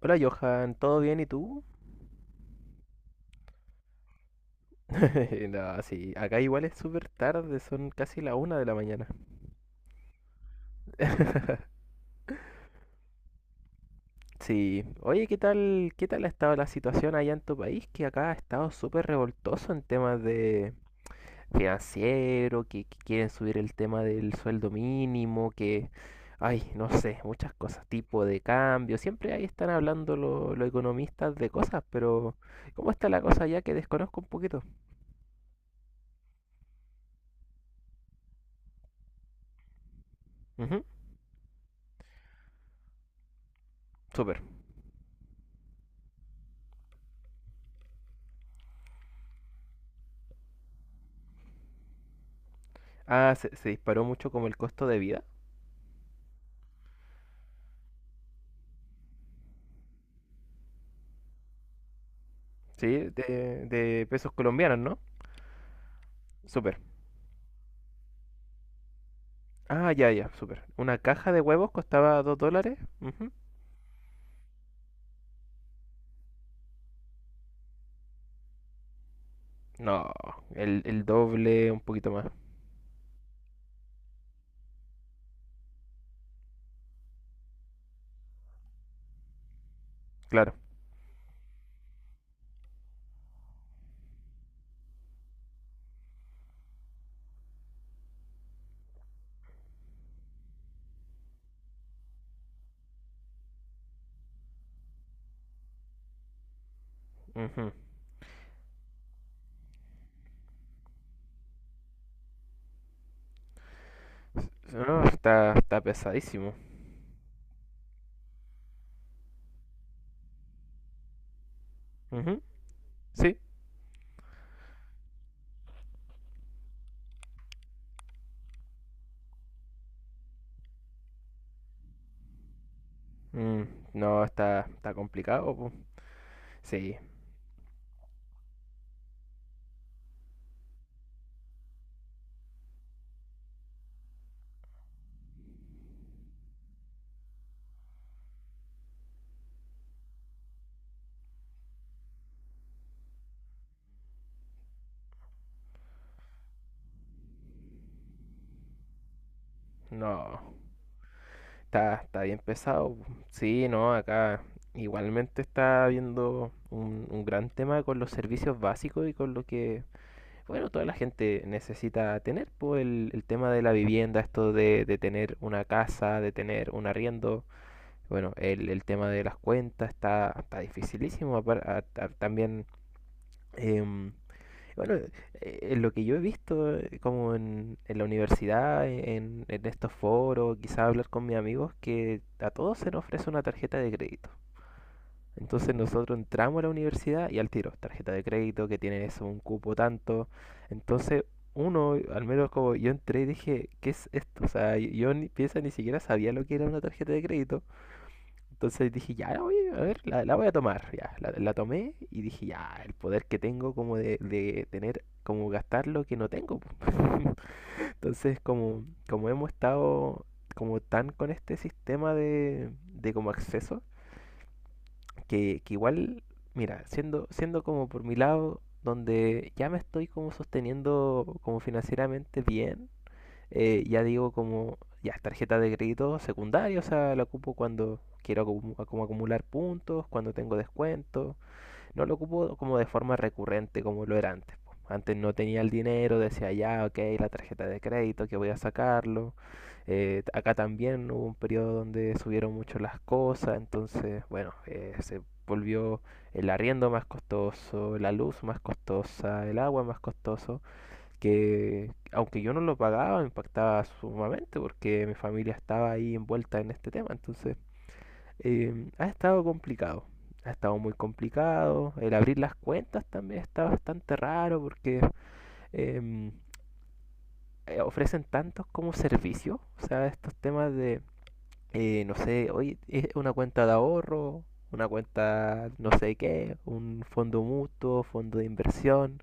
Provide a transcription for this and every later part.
Hola Johan, ¿todo bien y tú? No, sí, acá igual es súper tarde, son casi la una de la mañana. Sí, oye, ¿qué tal ha estado la situación allá en tu país, que acá ha estado súper revoltoso en temas de financiero, que quieren subir el tema del sueldo mínimo, ay, no sé, muchas cosas, tipo de cambio. Siempre ahí están hablando los economistas de cosas, pero ¿cómo está la cosa allá, que desconozco un poquito? Ujú, súper. Ah, se disparó mucho como el costo de vida. Sí, de pesos colombianos, ¿no? Súper. Ah, ya, ya, súper. Una caja de huevos costaba $2. Ujú. No, el doble, un poquito más. Claro. Ujú. No, está pesadísimo. Ujú, sí. Mm, no, está complicado, po. Sí, no, está bien pesado, po. Sí, no, acá igualmente está habiendo un gran tema con los servicios básicos y con lo que Bueno, toda la gente necesita tener, pues, el tema de la vivienda, esto de tener una casa, de tener un arriendo. Bueno, el tema de las cuentas está dificilísimo, también. em, bueno, en lo que yo he visto, como en, la universidad, en estos foros, quizá hablar con mis amigos, que a todos se nos ofrece una tarjeta de crédito. Entonces nosotros entramos a la universidad y al tiro, tarjeta de crédito que tiene eso, un cupo tanto. Entonces uno, al menos como yo entré y dije, ¿qué es esto? O sea, yo ni piensa ni siquiera sabía lo que era una tarjeta de crédito. Entonces dije, ya, oye, a ver, la voy a tomar. Ya, la tomé y dije, ya, el poder que tengo como de, tener, como gastar lo que no tengo, po". Entonces, como, hemos estado como tan con este sistema de como acceso, que igual, mira, siendo como por mi lado, donde ya me estoy como sosteniendo como financieramente bien. Ya digo como, ya, tarjeta de crédito secundaria, o sea, la ocupo cuando quiero como acumular puntos. Cuando tengo descuentos no lo ocupo como de forma recurrente como lo era antes. Antes no tenía el dinero, decía, ya, ok, la tarjeta de crédito, que voy a sacarlo. Acá también hubo un periodo donde subieron mucho las cosas, entonces, bueno, se volvió el arriendo más costoso, la luz más costosa, el agua más costoso, que aunque yo no lo pagaba, me impactaba sumamente porque mi familia estaba ahí envuelta en este tema. Entonces, ha estado complicado. Ha estado muy complicado. El abrir las cuentas también está bastante raro porque em, ofrecen tantos como servicios. O sea, estos temas de, no sé, hoy es una cuenta de ahorro, una cuenta no sé qué, un fondo mutuo, fondo de inversión.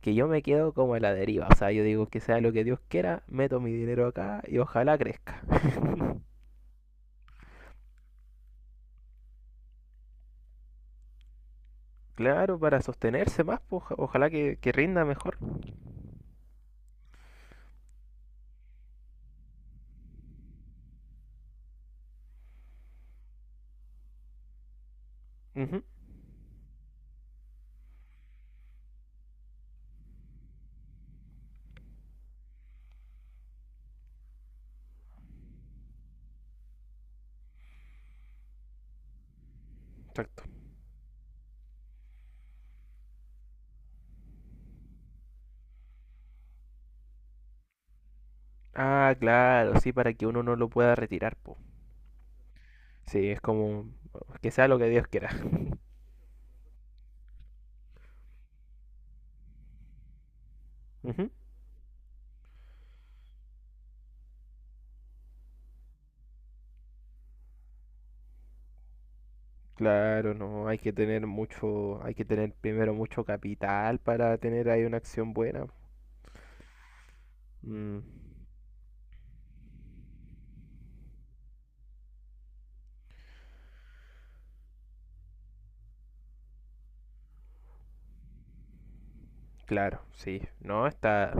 Que yo me quedo como a la deriva. O sea, yo digo, que sea lo que Dios quiera, meto mi dinero acá y ojalá crezca. Claro, para sostenerse más, pues, ojalá que rinda mejor. Ujú. Exacto. Ah, claro, sí, para que uno no lo pueda retirar, po. Sí, es como que sea lo que Dios quiera. Ujú. Claro, no, hay que tener mucho, hay que tener primero mucho capital para tener ahí una acción buena. Mm. Claro, sí. No, está,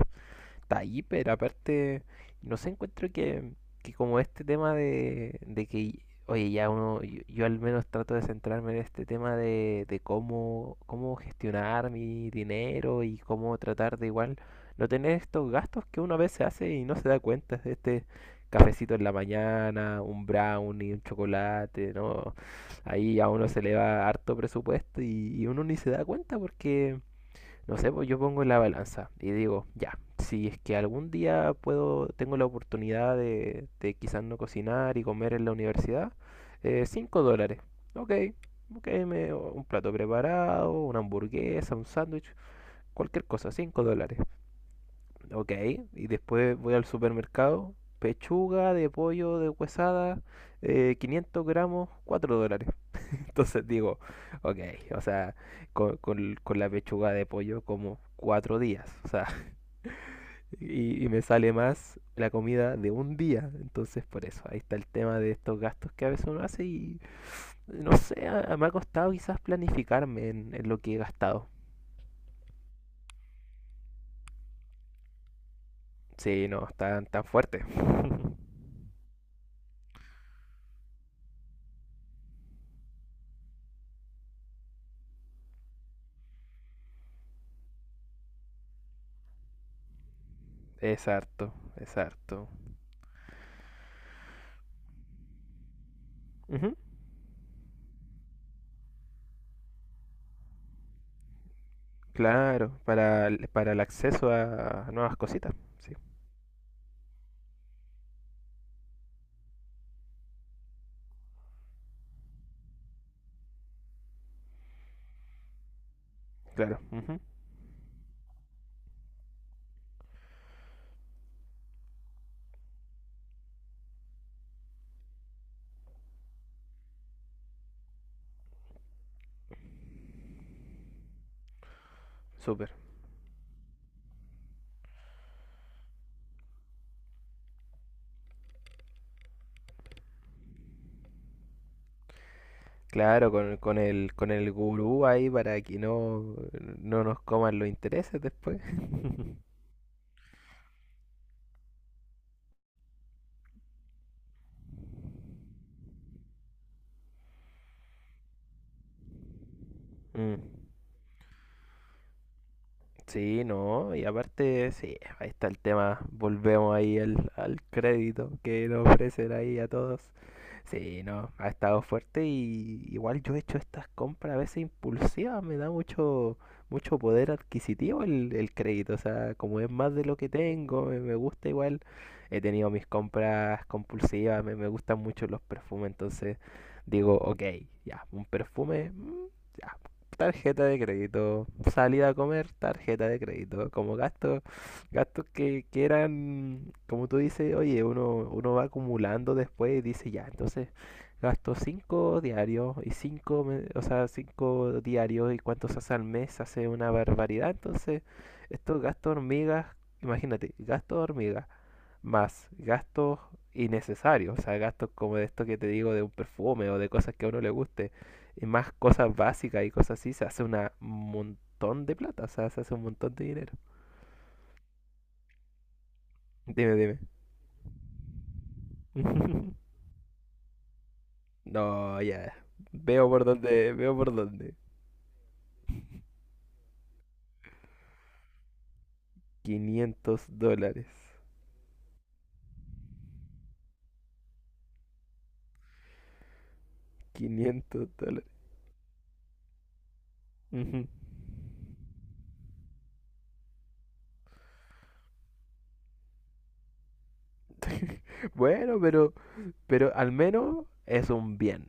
está ahí, pero aparte, no sé, encuentro que como este tema de, que, oye, ya uno, yo al menos trato de centrarme en este tema de, cómo gestionar mi dinero y cómo tratar de igual no tener estos gastos que uno a veces hace y no se da cuenta de este cafecito en la mañana, un brownie, un chocolate, ¿no? Ahí a uno se le va harto presupuesto, y uno ni se da cuenta porque no sé. Pues yo pongo en la balanza y digo, ya, si es que algún día puedo, tengo la oportunidad de quizás no cocinar y comer en la universidad, $5. Ok, ok, me, un plato preparado, una hamburguesa, un sándwich, cualquier cosa, $5. Ok, y después voy al supermercado, pechuga de pollo de huesada, 500 gramos, $4. Entonces digo, ok, o sea, con la pechuga de pollo como 4 días, o sea, y me sale más la comida de un día. Entonces por eso, ahí está el tema de estos gastos que a veces uno hace y no sé, me ha costado quizás planificarme en lo que he gastado. Sí, no, tan, tan fuerte. Es harto, es harto. Ujú. Claro, para, para el acceso a nuevas cositas, sí, claro, ujú. Súper. Claro, con el gurú ahí para que no, no nos coman los intereses después. Mm. Sí, no, y aparte, sí, ahí está el tema. Volvemos ahí al crédito que nos ofrecen ahí a todos. Sí, no, ha estado fuerte y igual yo he hecho estas compras a veces impulsivas, me da mucho, mucho poder adquisitivo el crédito, o sea, como es más de lo que tengo, me gusta igual. He tenido mis compras compulsivas, me gustan mucho los perfumes, entonces digo, ok, ya, un perfume, ya, tarjeta de crédito, salida a comer, tarjeta de crédito, como gastos que eran, como tú dices, oye, uno, uno va acumulando después y dice, ya, entonces gasto 5 diarios y 5, o sea, 5 diarios y cuántos hace al mes, hace una barbaridad. Entonces, estos gastos hormigas, imagínate, gastos hormigas más gastos innecesarios, o sea, gastos como de esto que te digo, de un perfume o de cosas que a uno le guste, y más cosas básicas y cosas así, se hace un montón de plata, o sea, se hace un montón de dinero. Dime, dime. No, ya. Veo por dónde, veo por dónde. $500. $500. Ujú. Bueno, pero al menos es un bien.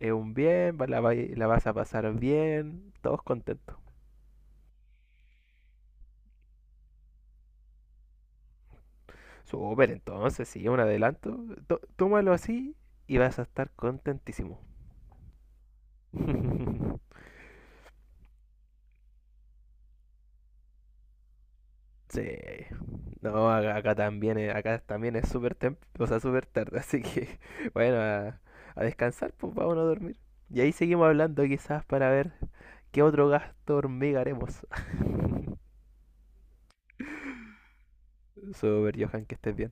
Es un bien, la vas a pasar bien, todos contentos. Súper, entonces, sí, un adelanto. Tómalo así y vas a estar contentísimo. Sí. No, acá también es súper o sea, súper tarde, así que bueno, a descansar, pues vámonos a dormir. Y ahí seguimos hablando quizás para ver qué otro gasto hormiga haremos. Súper, Johan, que estés bien.